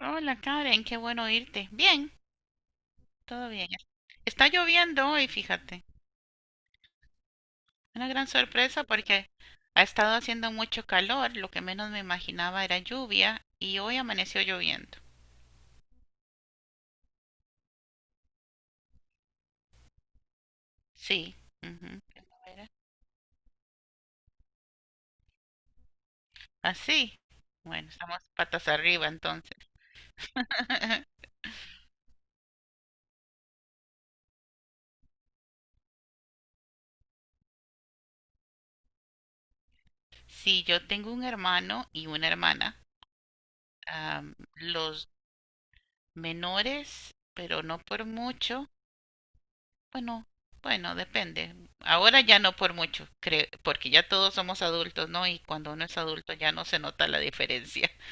Hola Karen, qué bueno oírte. Bien, todo bien. Está lloviendo hoy, fíjate. Una gran sorpresa porque ha estado haciendo mucho calor, lo que menos me imaginaba era lluvia y hoy amaneció lloviendo. Sí. Ujú. Así. Bueno, estamos patas arriba entonces. Sí, yo tengo un hermano y una hermana. Los menores, pero no por mucho. Bueno, bueno, depende. Ahora ya no por mucho, creo, porque ya todos somos adultos, ¿no? Y cuando uno es adulto ya no se nota la diferencia.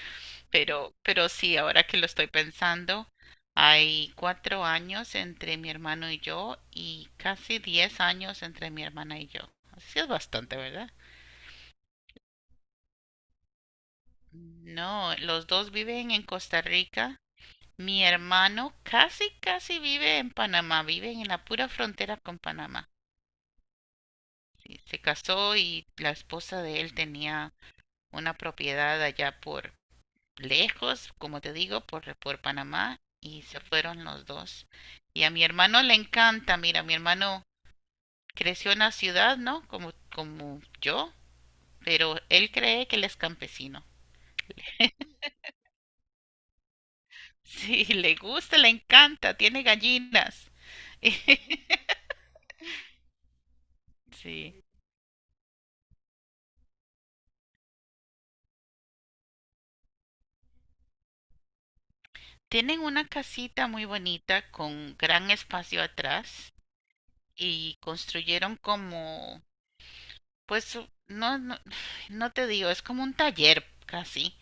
Pero sí, ahora que lo estoy pensando, hay 4 años entre mi hermano y yo y casi 10 años entre mi hermana y yo. Así es bastante, ¿verdad? No, los dos viven en Costa Rica. Mi hermano casi, casi vive en Panamá, viven en la pura frontera con Panamá. Se casó y la esposa de él tenía una propiedad allá por lejos, como te digo, por Panamá y se fueron los dos. Y a mi hermano le encanta, mira, mi hermano creció en la ciudad, ¿no? Como yo, pero él cree que él es campesino. Sí, le gusta, le encanta, tiene gallinas. Sí. Tienen una casita muy bonita con gran espacio atrás y construyeron como, pues no, no, no te digo, es como un taller casi.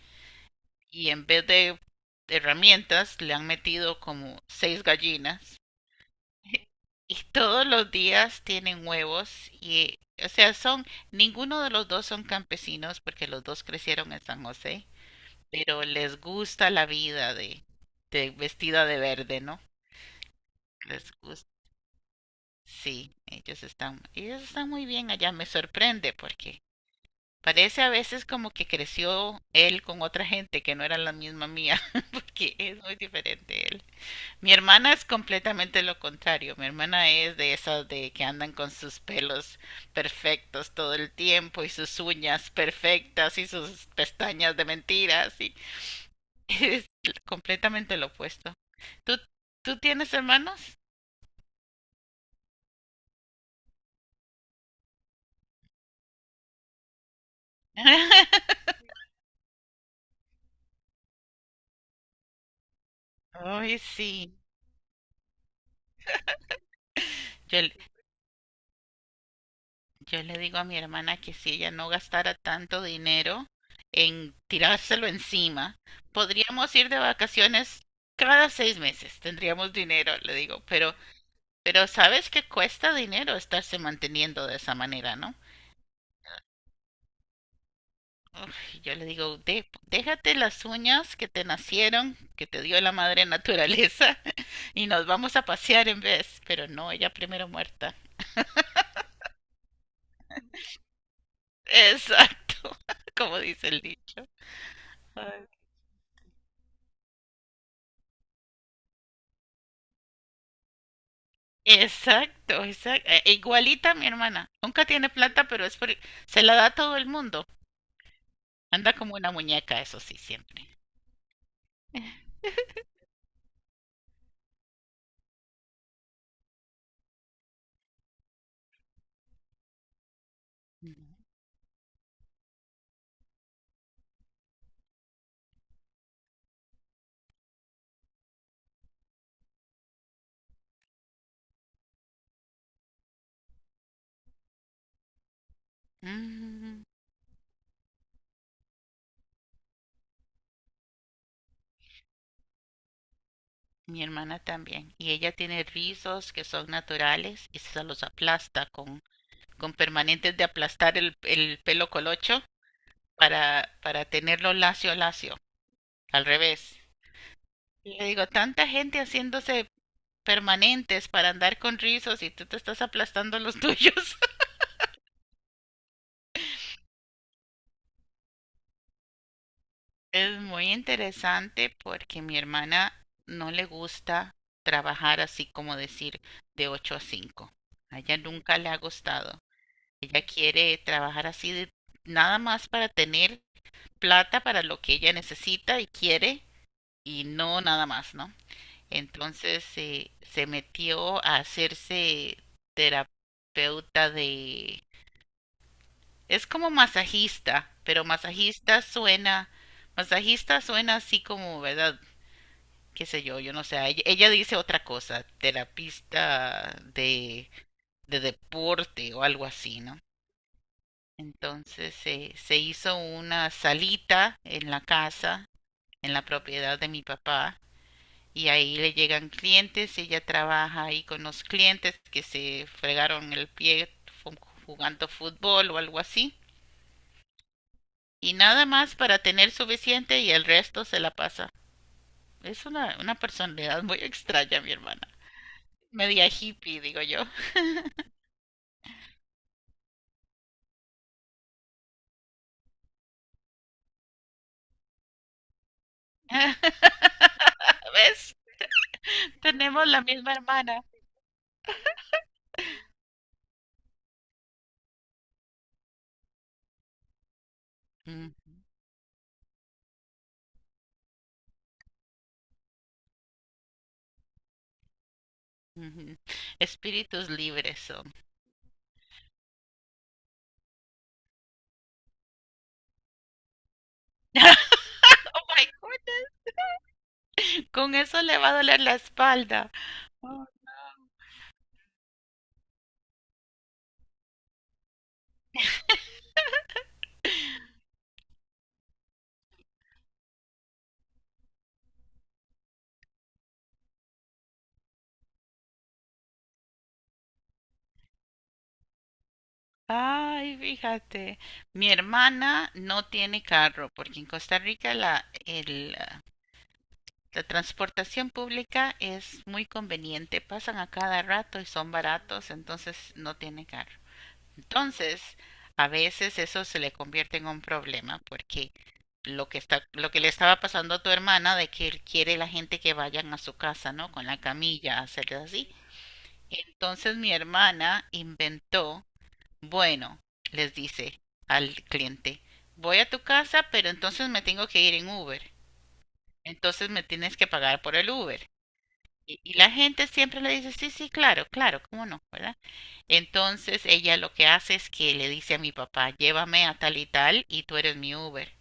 Y en vez de herramientas le han metido como seis gallinas. Y todos los días tienen huevos y, o sea, ninguno de los dos son campesinos porque los dos crecieron en San José, pero les gusta la vida de vestida de verde, ¿no? Les gusta. Sí, ellos están muy bien allá. Me sorprende porque parece a veces como que creció él con otra gente que no era la misma mía, porque es muy diferente él. Mi hermana es completamente lo contrario. Mi hermana es de esas de que andan con sus pelos perfectos todo el tiempo y sus uñas perfectas y sus pestañas de mentiras y es completamente lo opuesto. ¿Tú, tú tienes hermanos? Ay, sí. Yo, Yo le digo a mi hermana que si ella no gastara tanto dinero en tirárselo encima, podríamos ir de vacaciones cada 6 meses, tendríamos dinero, le digo, pero sabes que cuesta dinero estarse manteniendo de esa manera, ¿no? Uf, yo le digo, Déjate las uñas que te nacieron, que te dio la madre naturaleza, y nos vamos a pasear en vez, pero no, ella primero muerta. Exacto, como dice el dicho. Exacto, exacto. Igualita a mi hermana. Nunca tiene plata, pero es por. Se la da a todo el mundo. Anda como una muñeca, eso sí, siempre. Ujú. Mm, mi hermana también. Y ella tiene rizos que son naturales y se los aplasta con permanentes de aplastar el pelo colocho para tenerlo lacio, lacio. Al revés. Y le digo, tanta gente haciéndose permanentes para andar con rizos y tú te estás aplastando los tuyos. Es muy interesante porque mi hermana no le gusta trabajar así como decir de 8 a 5. A ella nunca le ha gustado. Ella quiere trabajar así de, nada más para tener plata para lo que ella necesita y quiere y no nada más, ¿no? Entonces se metió a hacerse terapeuta de. Es como masajista, pero masajista suena, así como, ¿verdad? Qué sé yo no sé, ella dice otra cosa, terapista de deporte o algo así, ¿no? Entonces se hizo una salita en la casa, en la propiedad de mi papá, y ahí le llegan clientes, ella trabaja ahí con los clientes que se fregaron el pie jugando fútbol o algo así, y nada más para tener suficiente y el resto se la pasa. Es una personalidad muy extraña, mi hermana. Media hippie, digo yo. ¿Ves? Tenemos la misma hermana. Mm, ujú. Espíritus libres son. Oh my goodness. Con eso le va a doler la espalda. Oh, no. Ay, fíjate. Mi hermana no tiene carro porque en Costa Rica la transportación pública es muy conveniente. Pasan a cada rato y son baratos, entonces no tiene carro. Entonces, a veces eso se le convierte en un problema porque lo que le estaba pasando a tu hermana de que él quiere la gente que vayan a su casa, ¿no? Con la camilla, hacerles así. Entonces mi hermana inventó, bueno, les dice al cliente, voy a tu casa, pero entonces me tengo que ir en Uber. Entonces me tienes que pagar por el Uber. Y la gente siempre le dice, sí, sí, claro, claro, ¿cómo no? ¿Verdad? Entonces ella lo que hace es que le dice a mi papá, llévame a tal y tal y tú eres mi Uber.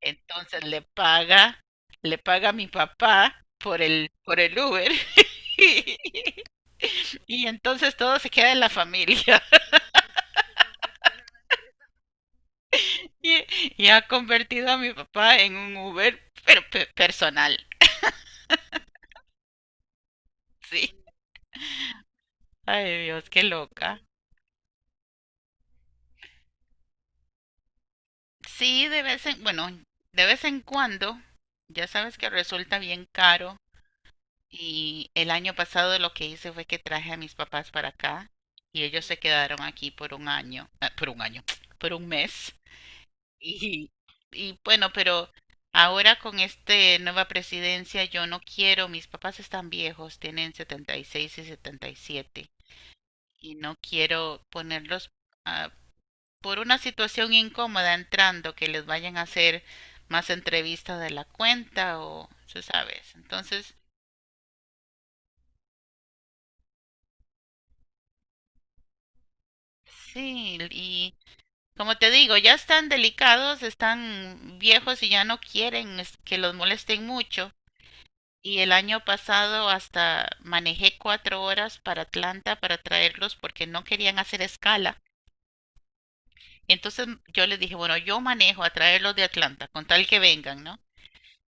Entonces le paga a mi papá por el Uber y entonces todo se queda en la familia y, y ha convertido a mi papá en un Uber pero personal. Sí. Ay Dios, qué loca. Sí, de vez en cuando, ya sabes que resulta bien caro. Y el año pasado lo que hice fue que traje a mis papás para acá y ellos se quedaron aquí por un año, por un mes. Y, y bueno, pero ahora con esta nueva presidencia yo no quiero, mis papás están viejos, tienen 76 y 77 y 77 y no quiero ponerlos ah, por una situación incómoda entrando que les vayan a hacer más entrevistas de la cuenta o, tú sabes. Entonces, sí, y como te digo, ya están delicados, están viejos y ya no quieren que los molesten mucho. Y el año pasado hasta manejé 4 horas para Atlanta para traerlos porque no querían hacer escala. Entonces yo les dije, bueno, yo manejo a traerlos de Atlanta, con tal que vengan, ¿no?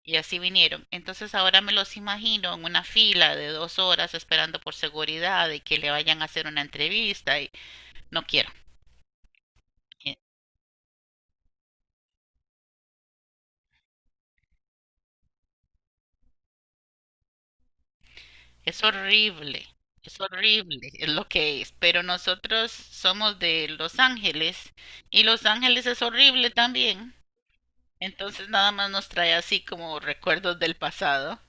Y así vinieron. Entonces ahora me los imagino en una fila de 2 horas esperando por seguridad y que le vayan a hacer una entrevista y no quiero. Es horrible, es horrible, es lo que es. Pero nosotros somos de Los Ángeles y Los Ángeles es horrible también. Entonces nada más nos trae así como recuerdos del pasado.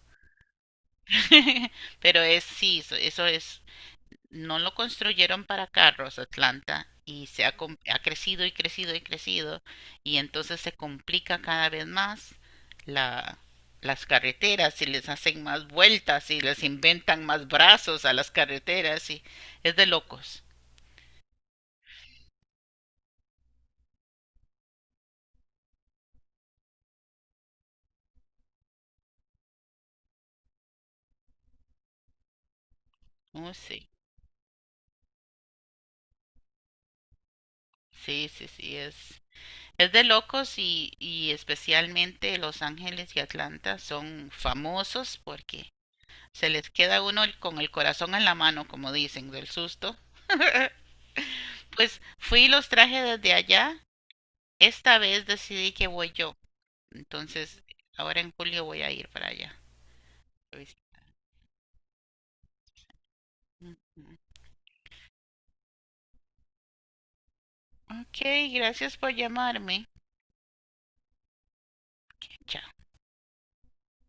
Pero es sí, eso es. No lo construyeron para carros Atlanta y ha crecido y crecido y crecido y entonces se complica cada vez más la, las carreteras y les hacen más vueltas y les inventan más brazos a las carreteras y es de locos. Oh, sí, sí, sí, sí, es de locos y especialmente Los Ángeles y Atlanta son famosos porque se les queda uno con el corazón en la mano, como dicen, del susto. Pues fui y los traje desde allá. Esta vez decidí que voy yo. Entonces, ahora en julio voy a ir para allá. Ok, gracias por llamarme. Ok, chao.